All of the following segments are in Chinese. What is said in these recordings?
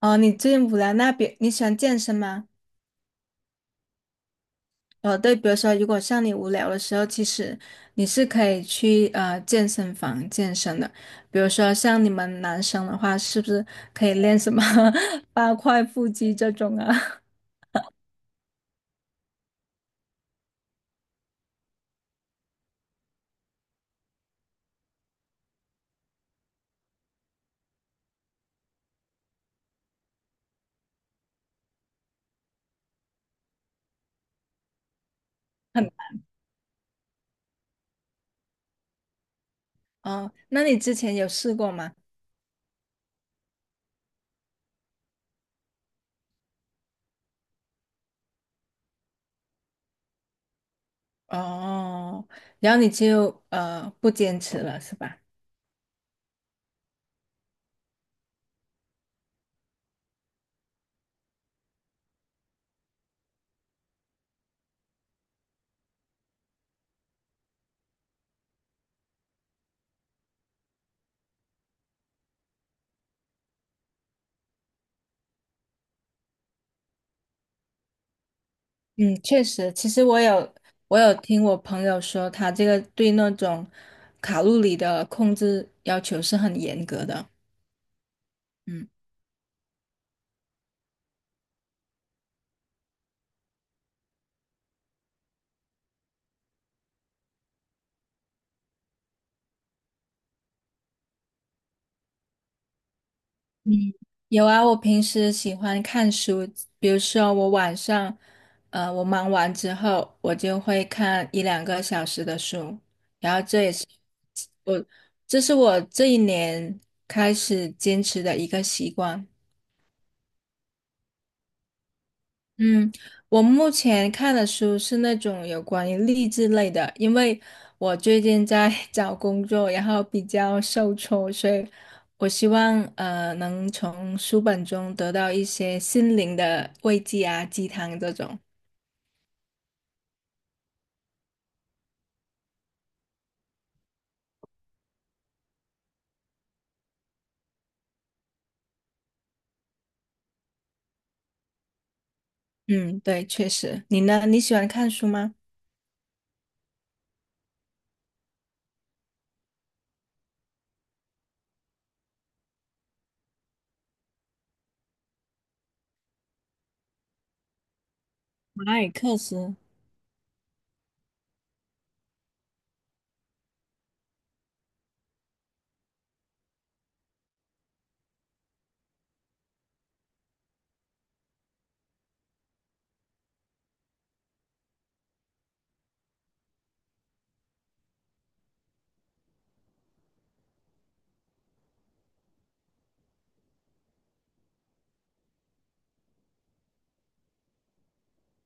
哦，你最近无聊，那比你喜欢健身吗？哦，对，比如说，如果像你无聊的时候，其实你是可以去健身房健身的。比如说，像你们男生的话，是不是可以练什么 八块腹肌这种啊？很哦，那你之前有试过吗？哦，然后你就不坚持了，是吧？嗯，确实，其实我有听我朋友说，他这个对那种卡路里的控制要求是很严格的。嗯，有啊，我平时喜欢看书，比如说我晚上，我忙完之后，我就会看一两个小时的书，然后这也是我，这是我这一年开始坚持的一个习惯。嗯，我目前看的书是那种有关于励志类的，因为我最近在 找工作，然后比较受挫，所以我希望能从书本中得到一些心灵的慰藉啊，鸡汤这种。嗯，对，确实。你呢？你喜欢看书吗？马尔克斯。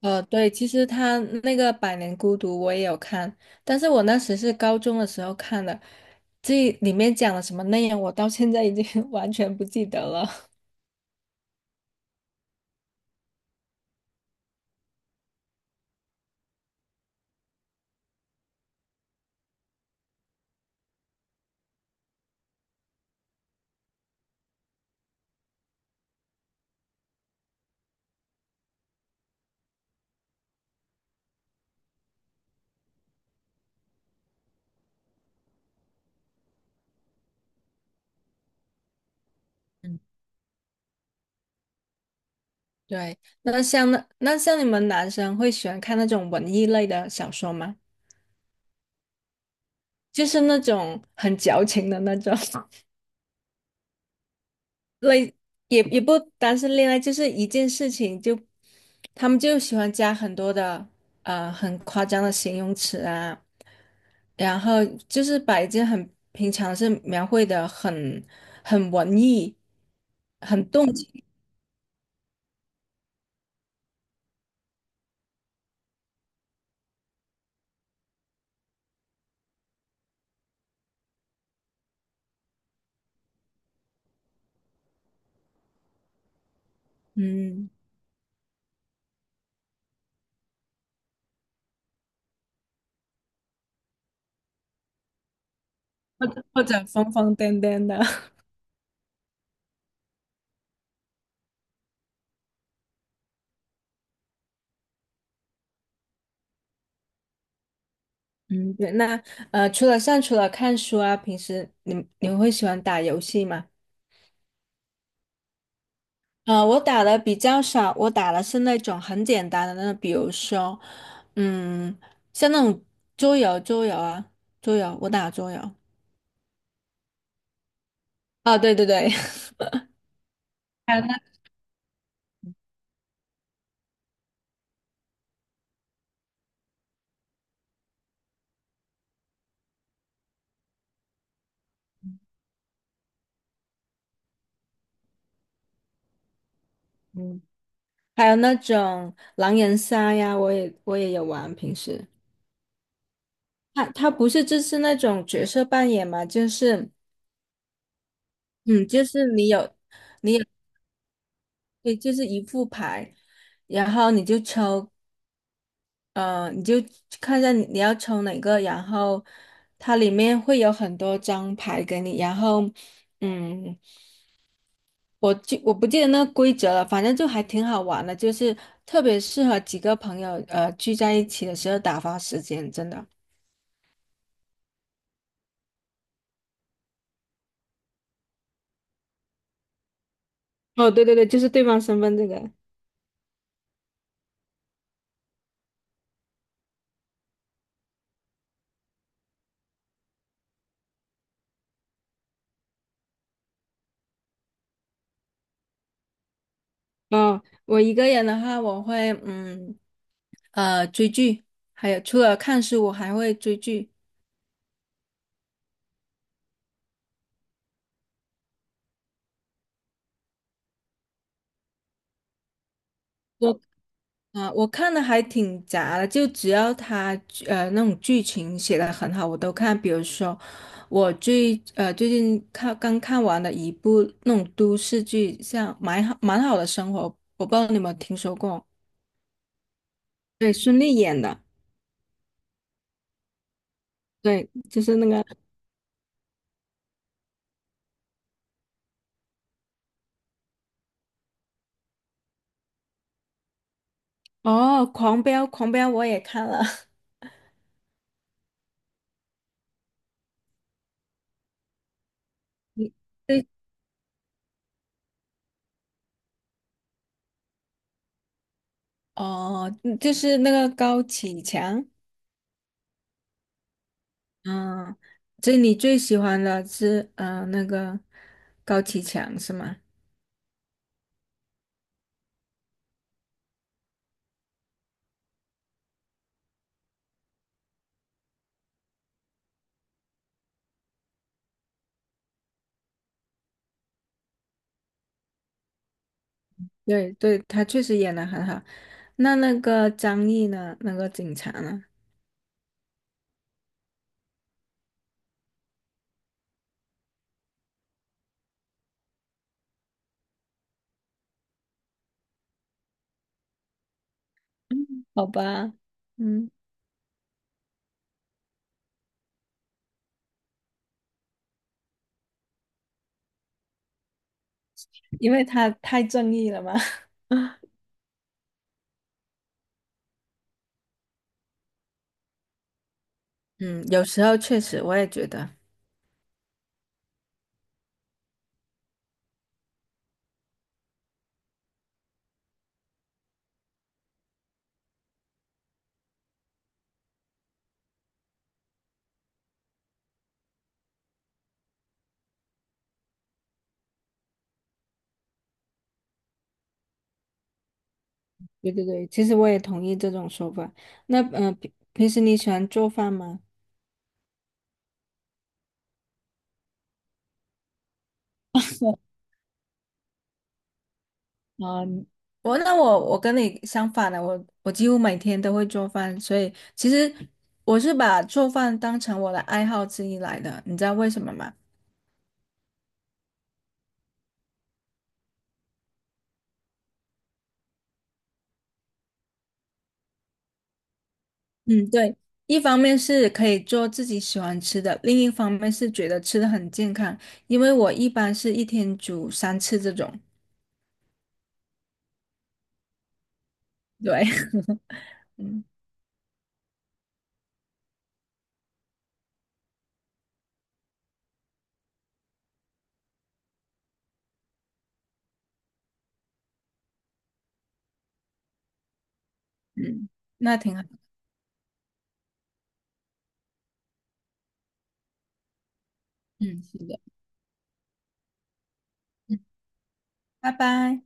呃，对，其实他那个《百年孤独》我也有看，但是我那时是高中的时候看的，这里面讲了什么内容，我到现在已经 完全不记得了。对，那像那像你们男生会喜欢看那种文艺类的小说吗？就是那种很矫情的那种 类，也不单是恋爱，就是一件事情就，他们就喜欢加很多的很夸张的形容词啊。然后就是把一件很平常的事描绘的很很文艺，很动情，嗯，或者疯疯癫癫的，嗯，对。那除了像除了看书啊，平时你会喜欢打游戏吗？呃，我打的比较少，我打的是那种很简单的那种，比如说，嗯，像那种桌游，桌游啊，桌游，我打桌游。啊，对对对，还有那。还有那种狼人杀呀，我也有玩。平时它不是就是那种角色扮演嘛，就是嗯，就是你有对，就是一副牌，然后你就抽，你就看一下你要抽哪个，然后它里面会有很多张牌给你，然后嗯，我不记得那个规则了，反正就还挺好玩的，就是特别适合几个朋友聚在一起的时候打发时间，真的。哦，对对对，就是对方身份这个。嗯，我一个人的话，我会嗯追剧，还有除了看书，我还会追剧。我我看的还挺杂的，就只要他那种剧情写的很好，我都看。比如说最近看刚看完的一部那种都市剧，像《蛮好蛮好的生活》，我不知道你有没有听说过？对，就是那个，哦，《狂飙》，《狂飙》我也看了。你哦，嗯就是那个高启强，嗯，这你最喜欢的是那个高启强是吗？对对，他确实演的很好。那那个张译呢？那个警察呢？好吧，嗯，因为他太正义了嘛。嗯，有时候确实我也觉得，对对对，其实我也同意这种说法。那平时你喜欢做饭吗？嗯，我跟你相反的，我几乎每天都会做饭，所以其实我是把做饭当成我的爱好之一来的，你知道为什么吗？嗯，对，一方面是可以做自己喜欢吃的，另一方面是觉得吃的很健康，因为我一般是一天煮三次这种，对，嗯嗯，那挺好，嗯，是的，嗯，拜拜。